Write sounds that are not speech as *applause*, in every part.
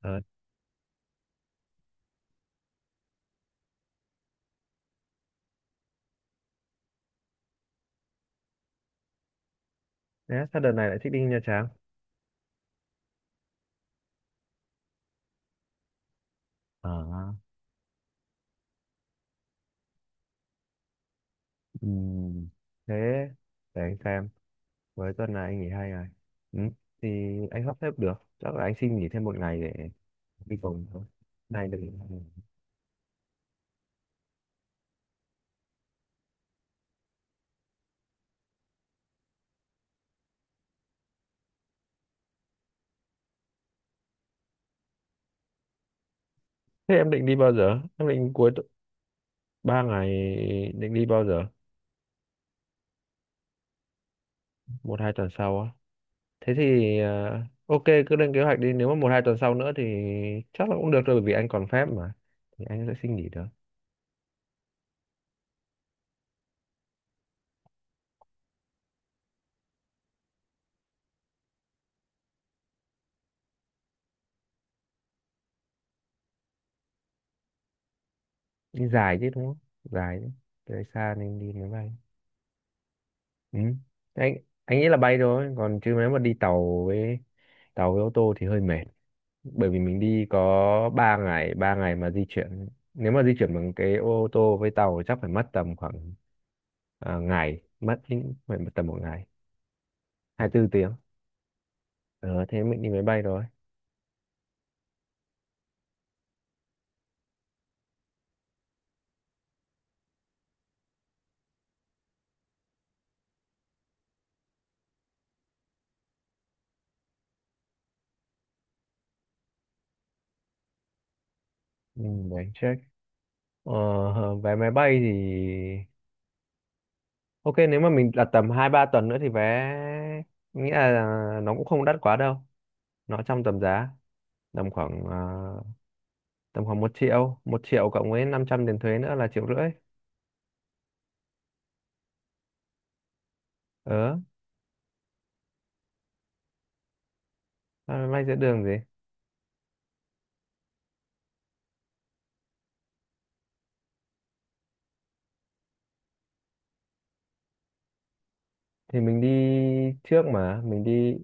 Ờ, thế sao đợt này lại thích đi Nha Trang? Ờ, ừm, Thế để anh xem, với tuần này anh nghỉ 2 ngày. Ừ, thì anh sắp xếp được, chắc là anh xin nghỉ thêm 1 ngày để đi cùng thôi. Này được. Thế em định đi bao giờ? Em định 3 ngày định đi bao giờ? Một hai tuần sau á. Thế thì ok cứ lên kế hoạch đi, nếu mà một hai tuần sau nữa thì chắc là cũng được rồi bởi vì anh còn phép mà. Thì anh sẽ xin nghỉ được. Đi dài chứ đúng không? Dài chứ. Tới xa nên đi máy bay. Ừ. Anh anh nghĩ là bay thôi, còn chứ nếu mà đi tàu với ô tô thì hơi mệt, bởi vì mình đi có 3 ngày, 3 ngày mà di chuyển, nếu mà di chuyển bằng cái ô tô với tàu thì chắc phải mất tầm khoảng ngày mất đến, phải mất tầm một ngày, 24 tiếng. Ờ, Thế mình đi máy bay rồi. Ừ, để anh check. Vé máy bay thì ok, nếu mà mình đặt tầm hai ba tuần nữa thì vé, nghĩa là nó cũng không đắt quá đâu, nó trong tầm giá tầm khoảng một triệu cộng với 500 tiền thuế nữa là triệu rưỡi. ờ Vay giữa đường gì? Thì mình đi trước mà, mình đi,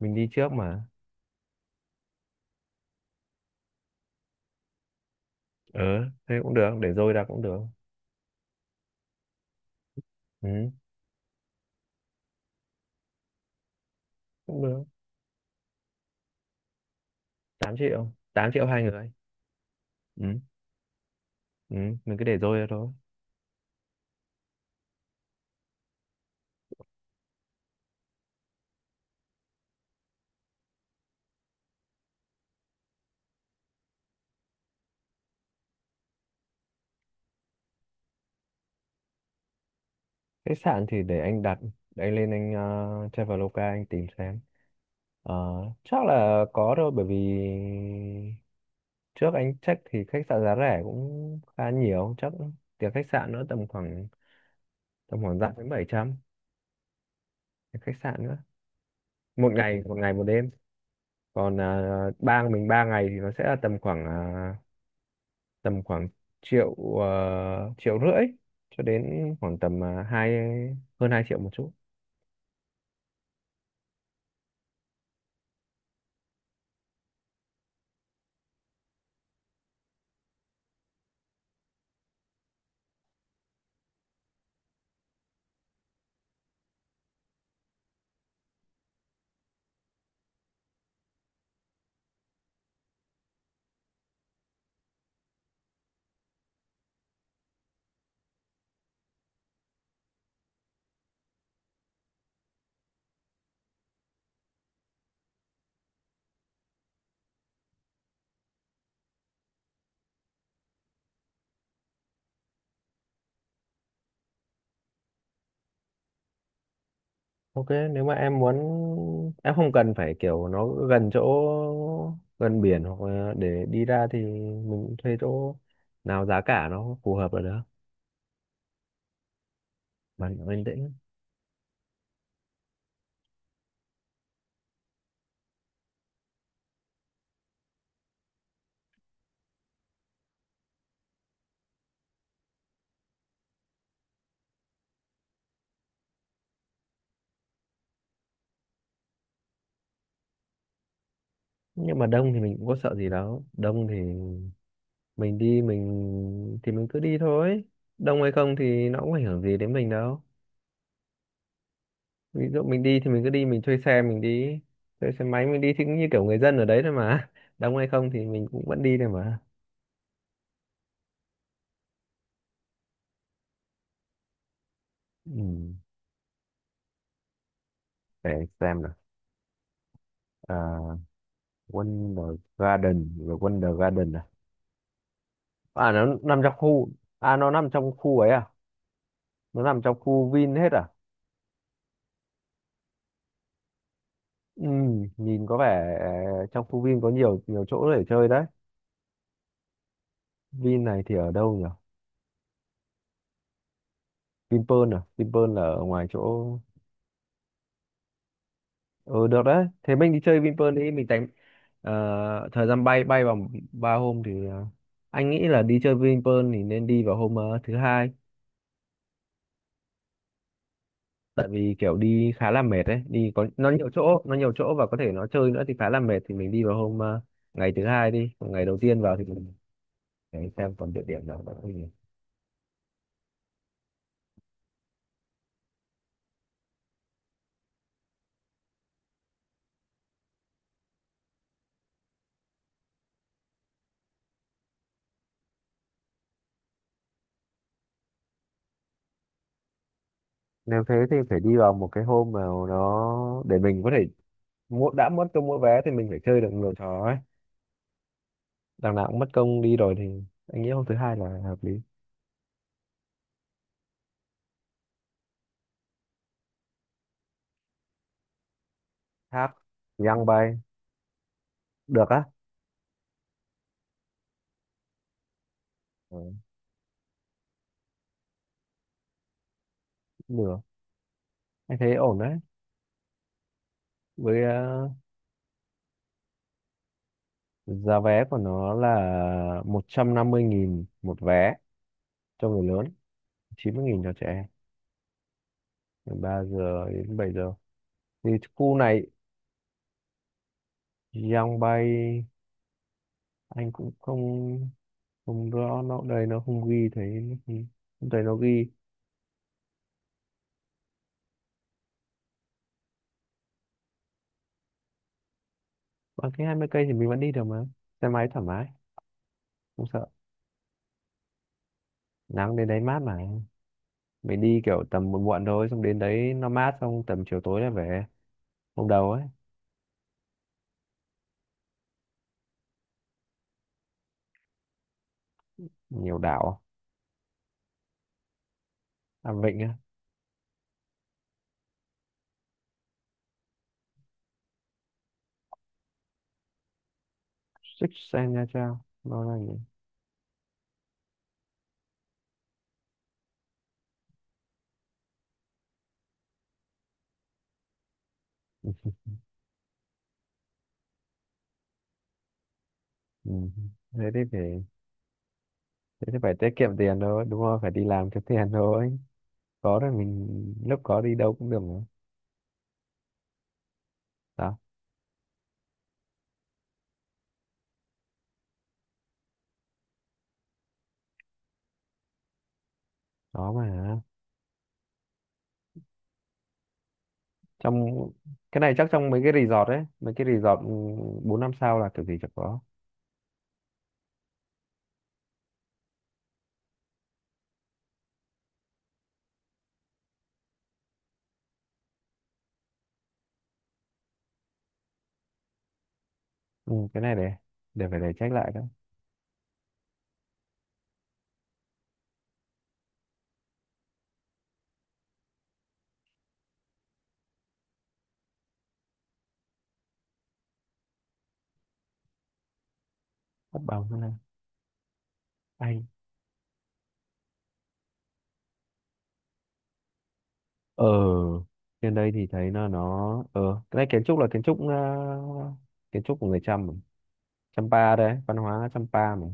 mình đi trước mà. ờ Thế cũng được, để dôi ra cũng được. Ừ, cũng được. 8 triệu, 8 triệu 2 người. Ừ. Ừ, mình cứ để dôi ra thôi. Khách sạn thì để anh đặt, để anh lên anh Traveloka anh tìm xem. ờ Chắc là có thôi, bởi vì trước anh check thì khách sạn giá rẻ cũng khá nhiều, chắc tiền khách sạn nữa tầm khoảng dặm đến 700 cái khách sạn nữa, một ngày, một đêm. Còn bang mình 3 ngày thì nó sẽ là tầm khoảng tầm khoảng triệu, triệu rưỡi cho đến khoảng tầm hơn 2 triệu một chút. Ok, nếu mà em muốn em không cần phải kiểu nó gần chỗ, gần biển, hoặc là để đi ra thì mình cũng thuê chỗ nào giá cả nó phù hợp là được, mà nó yên tĩnh. Nhưng mà đông thì mình cũng có sợ gì đâu, đông thì mình đi, mình thì mình cứ đi thôi. Đông hay không thì nó cũng ảnh hưởng gì đến mình đâu. Ví dụ mình đi thì mình cứ đi, mình thuê xe mình đi, thuê xe máy mình đi thì cũng như kiểu người dân ở đấy thôi mà *laughs* đông hay không thì mình cũng vẫn đi thôi mà. Ừ, để xem nào. À, Wonder Garden, rồi Wonder Garden à? À, nó nằm trong khu, à nó nằm trong khu ấy à? Nó nằm trong khu Vin hết à? Ừ, nhìn có vẻ trong khu Vin có nhiều nhiều chỗ để chơi đấy. Vin này thì ở đâu nhỉ? Vinpearl à? Vinpearl là ở ngoài chỗ. Ừ, được đấy, thế mình đi chơi Vinpearl đi, mình tính thời gian bay bay vào ba hôm thì, anh nghĩ là đi chơi Vinpearl thì nên đi vào hôm thứ hai, tại vì kiểu đi khá là mệt đấy, đi có nó nhiều chỗ, và có thể nó chơi nữa thì khá là mệt, thì mình đi vào hôm ngày thứ hai đi, còn ngày đầu tiên vào thì mình để xem còn địa điểm nào nữa không. Nếu thế thì phải đi vào một cái hôm mà nó để mình có thể mua, đã mất cho mua vé thì mình phải chơi được nhiều trò ấy, đằng nào cũng mất công đi rồi thì anh nghĩ hôm thứ hai là hợp lý. Hát Young bay được á. Ừ, được, anh thấy ổn đấy. Với giá vé của nó là 150.000 một vé cho người lớn, 90.000 cho trẻ em, từ 3 giờ đến 7 giờ thì khu này. Young bay anh cũng không, không rõ, nó đây nó không ghi, thấy nó không, không thấy nó ghi. Bằng cái 20 cây thì mình vẫn đi được mà, xe máy thoải mái, không sợ nắng, đến đấy mát mà, mình đi kiểu tầm muộn muộn thôi, xong đến đấy nó mát, xong tầm chiều tối là về, hôm đầu ấy. Nhiều đảo. À, vịnh á, Six Sen Nha Trang, nó là gì? Ừ. thế thì phải thế thì phải tiết kiệm tiền thôi, đúng không, phải đi làm kiếm tiền thôi, có rồi mình lúc có đi đâu cũng được mà. Đó, đó mà trong, cái này chắc trong mấy cái resort ấy, mấy cái resort, ừ, bốn năm sao là kiểu gì chẳng có. Ừ, cái này để phải để check lại đó. Mất bằng thế này, ở trên đây thì thấy nó, cái này kiến trúc là kiến trúc, kiến trúc của người Chăm mà. Champa đấy, văn hóa Champa mà.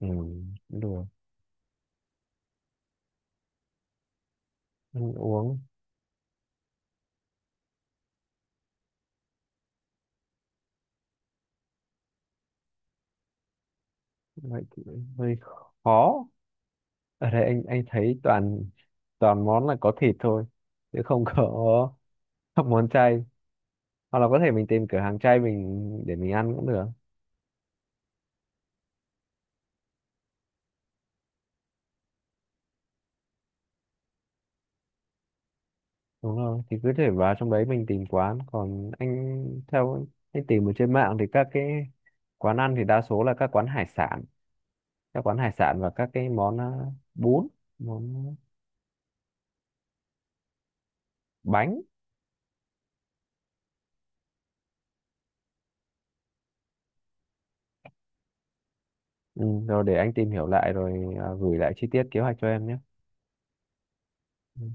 Ừ, cũng được. Ăn uống lại cũng hơi khó. Ở đây anh thấy toàn, món là có thịt thôi, chứ không có *laughs* các món chay. Hoặc là có thể mình tìm cửa hàng chay mình, để mình ăn cũng được. Đúng rồi, thì cứ thể vào trong đấy mình tìm quán, còn anh theo anh tìm ở trên mạng thì các cái quán ăn thì đa số là các quán hải sản, các quán hải sản và các cái món bún, món bánh. Ừ, rồi để anh tìm hiểu lại rồi, gửi lại chi tiết kế hoạch cho em nhé. Ừ.